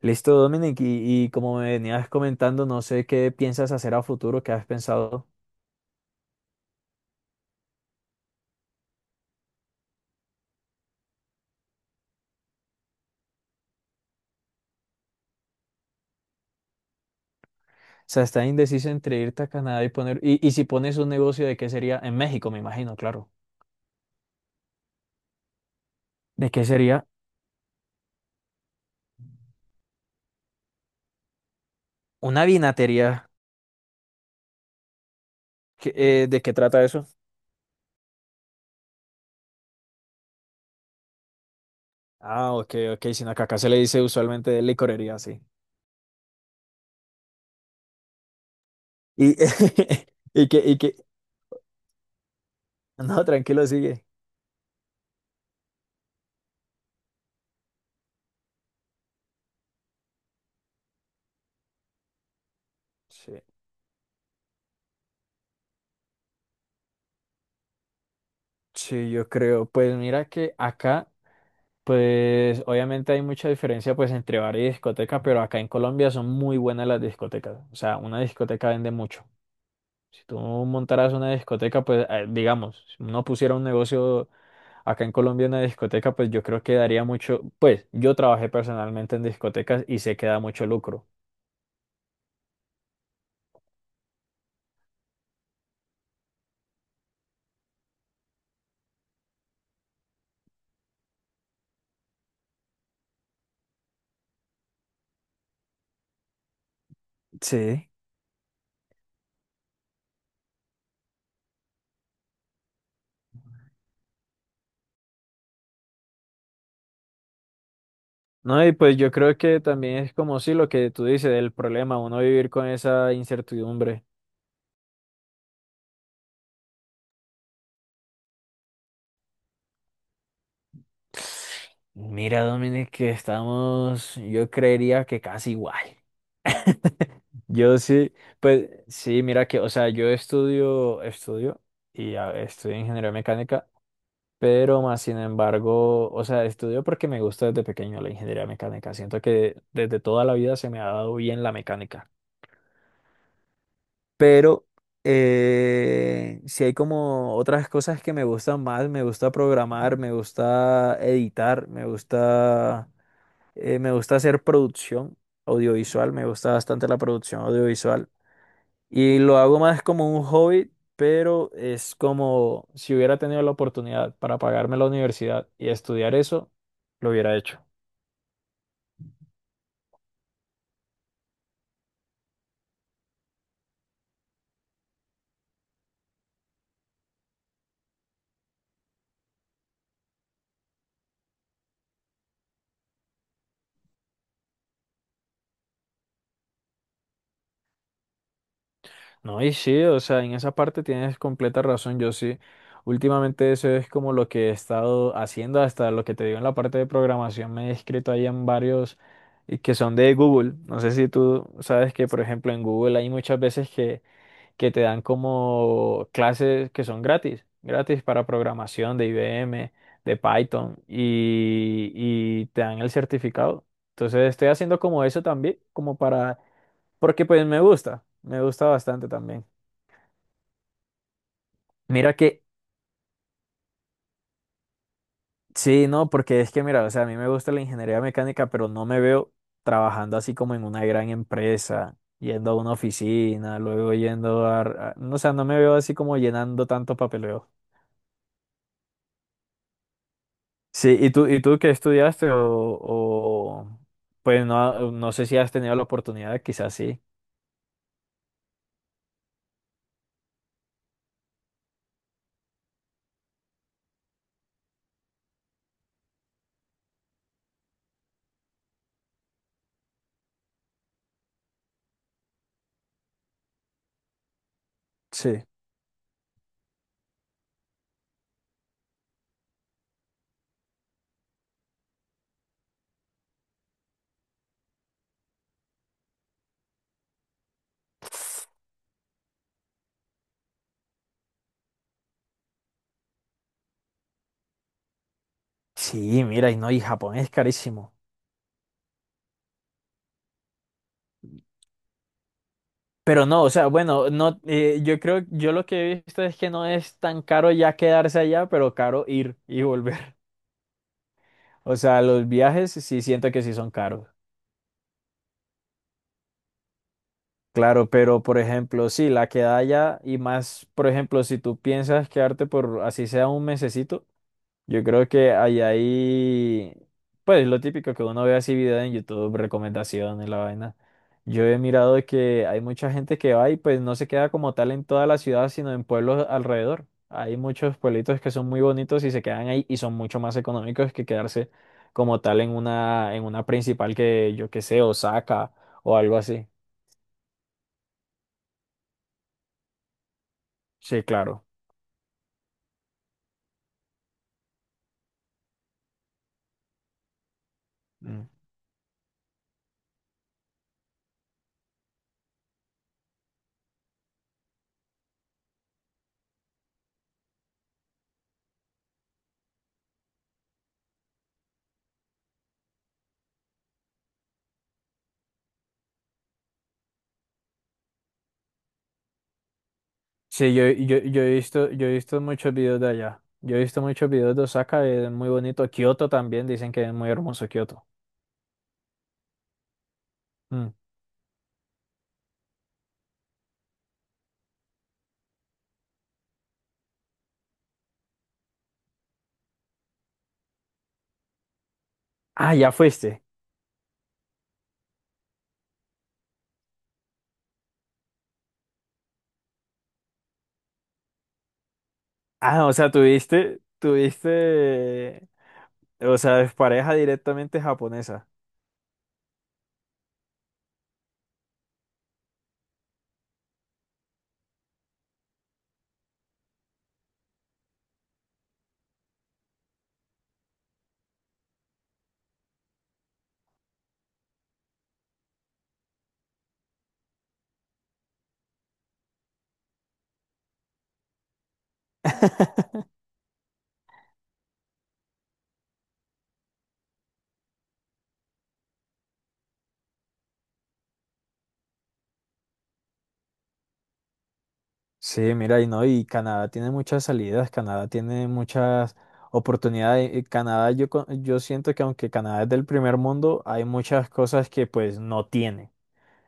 Listo, Dominic, y como me venías comentando, no sé qué piensas hacer a futuro, qué has pensado. O sea, estás indeciso entre irte a Canadá y poner, y si pones un negocio, ¿de qué sería? En México, me imagino, claro. ¿De qué sería? Una vinatería. ¿Qué- ¿De qué trata eso? Ah, ok, ok, sino que acá se le dice usualmente de licorería, sí. Y, y que, y que, no, tranquilo, sigue. Sí, sí, yo creo. Pues mira que acá. Pues obviamente hay mucha diferencia pues entre bar y discoteca, pero acá en Colombia son muy buenas las discotecas. O sea, una discoteca vende mucho. Si tú montaras una discoteca, pues digamos, si uno pusiera un negocio acá en Colombia, una discoteca, pues yo creo que daría mucho, pues yo trabajé personalmente en discotecas y sé que da mucho lucro. Sí. No, y pues yo creo que también es como si lo que tú dices, el problema, uno vivir con esa incertidumbre. Mira, Dominic, que estamos, yo creería que casi igual. Yo sí, pues sí, mira que, o sea, yo estudio estudio ingeniería mecánica, pero más sin embargo, o sea, estudio porque me gusta desde pequeño la ingeniería mecánica. Siento que desde toda la vida se me ha dado bien la mecánica. Pero si hay como otras cosas que me gustan más, me gusta programar, me gusta editar, me gusta. Me gusta hacer producción audiovisual, me gusta bastante la producción audiovisual y lo hago más como un hobby, pero es como si hubiera tenido la oportunidad para pagarme la universidad y estudiar eso, lo hubiera hecho. No, y sí, o sea, en esa parte tienes completa razón, yo sí. Últimamente eso es como lo que he estado haciendo, hasta lo que te digo en la parte de programación, me he inscrito ahí en varios que son de Google. No sé si tú sabes que, por ejemplo, en Google hay muchas veces que te dan como clases que son gratis, gratis para programación de IBM, de Python y te dan el certificado. Entonces estoy haciendo como eso también, como para, porque pues me gusta bastante también. Mira que, sí, no, porque es que mira, o sea, a mí me gusta la ingeniería mecánica, pero no me veo trabajando así como en una gran empresa, yendo a una oficina, luego yendo no, o sea, no me veo así como llenando tanto papeleo. Sí, ¿y tú qué estudiaste? O pues no, no sé si has tenido la oportunidad, quizás sí. Sí. Sí, mira, y no, y Japón es carísimo. Pero no, o sea, bueno, no, yo creo, yo lo que he visto es que no es tan caro ya quedarse allá, pero caro ir y volver. O sea, los viajes sí siento que sí son caros. Claro, pero por ejemplo, sí, la quedada allá y más, por ejemplo, si tú piensas quedarte por así sea un mesecito. Yo creo que ahí hay pues lo típico que uno ve así videos en YouTube, recomendaciones, la vaina. Yo he mirado que hay mucha gente que va y pues no se queda como tal en toda la ciudad, sino en pueblos alrededor. Hay muchos pueblitos que son muy bonitos y se quedan ahí y son mucho más económicos que quedarse como tal en una principal que yo qué sé, Osaka o algo así. Sí, claro. Sí, yo he visto, yo he visto muchos videos de allá. Yo he visto muchos videos de Osaka, es muy bonito. Kioto también, dicen que es muy hermoso Kioto. Mm. Ah, ya fuiste. Ah, o sea, o sea, es pareja directamente japonesa. Sí, mira, y no, y Canadá tiene muchas salidas, Canadá tiene muchas oportunidades. Y Canadá, yo siento que aunque Canadá es del primer mundo, hay muchas cosas que pues no tiene.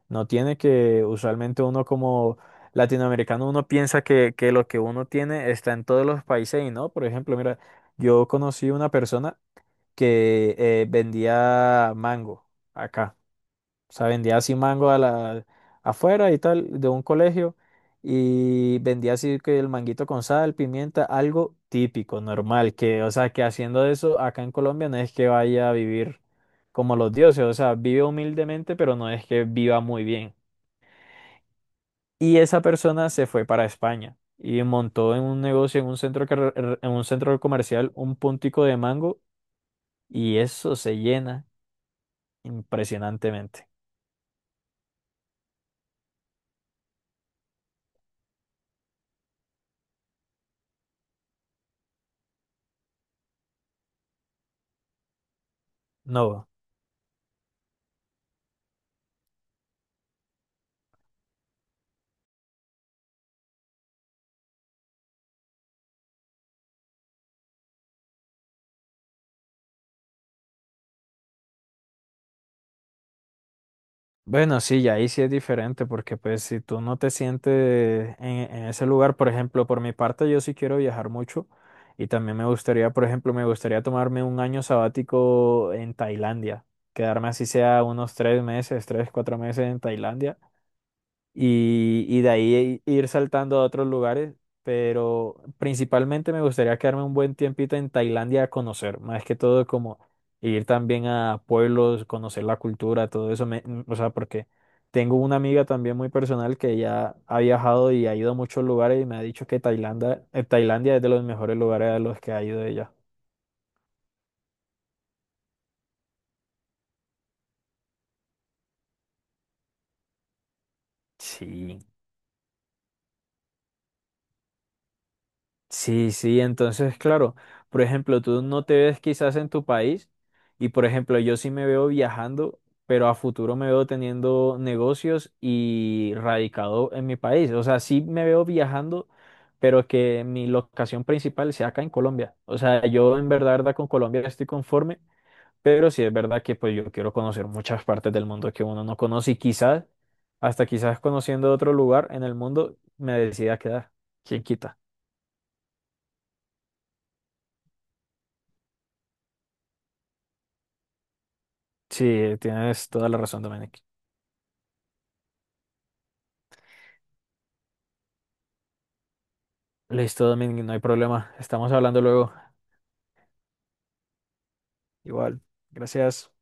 No tiene que, usualmente uno como latinoamericano, uno piensa que lo que uno tiene está en todos los países y no. Por ejemplo, mira, yo conocí una persona que vendía mango acá. O sea, vendía así mango a la, afuera y tal, de un colegio. Y vendía así que el manguito con sal, pimienta, algo típico, normal. Que, o sea, que haciendo eso acá en Colombia no es que vaya a vivir como los dioses. O sea, vive humildemente, pero no es que viva muy bien. Y esa persona se fue para España y montó en un negocio, en un centro, car en un centro comercial, un puntico de mango y eso se llena impresionantemente. No. Bueno, sí, y ahí sí es diferente porque pues si tú no te sientes en ese lugar, por ejemplo, por mi parte yo sí quiero viajar mucho y también me gustaría, por ejemplo, me gustaría tomarme un año sabático en Tailandia, quedarme así sea unos 3 meses, 3, 4 meses en Tailandia y de ahí ir saltando a otros lugares, pero principalmente me gustaría quedarme un buen tiempito en Tailandia a conocer, más que todo como ir también a pueblos, conocer la cultura, todo eso, o sea, porque tengo una amiga también muy personal que ya ha viajado y ha ido a muchos lugares y me ha dicho que Tailandia, Tailandia es de los mejores lugares a los que ha ido ella. Sí. Sí, sí, entonces, claro, por ejemplo, tú no te ves quizás en tu país y, por ejemplo, yo sí me veo viajando, pero a futuro me veo teniendo negocios y radicado en mi país. O sea, sí me veo viajando, pero que mi locación principal sea acá en Colombia. O sea, yo en verdad, verdad, con Colombia estoy conforme, pero sí es verdad que pues yo quiero conocer muchas partes del mundo que uno no conoce y quizás, hasta quizás conociendo otro lugar en el mundo, me decida quedar. ¿Quién quita? Sí, tienes toda la razón, Dominic. Listo, Dominic, no hay problema. Estamos hablando luego. Igual. Gracias.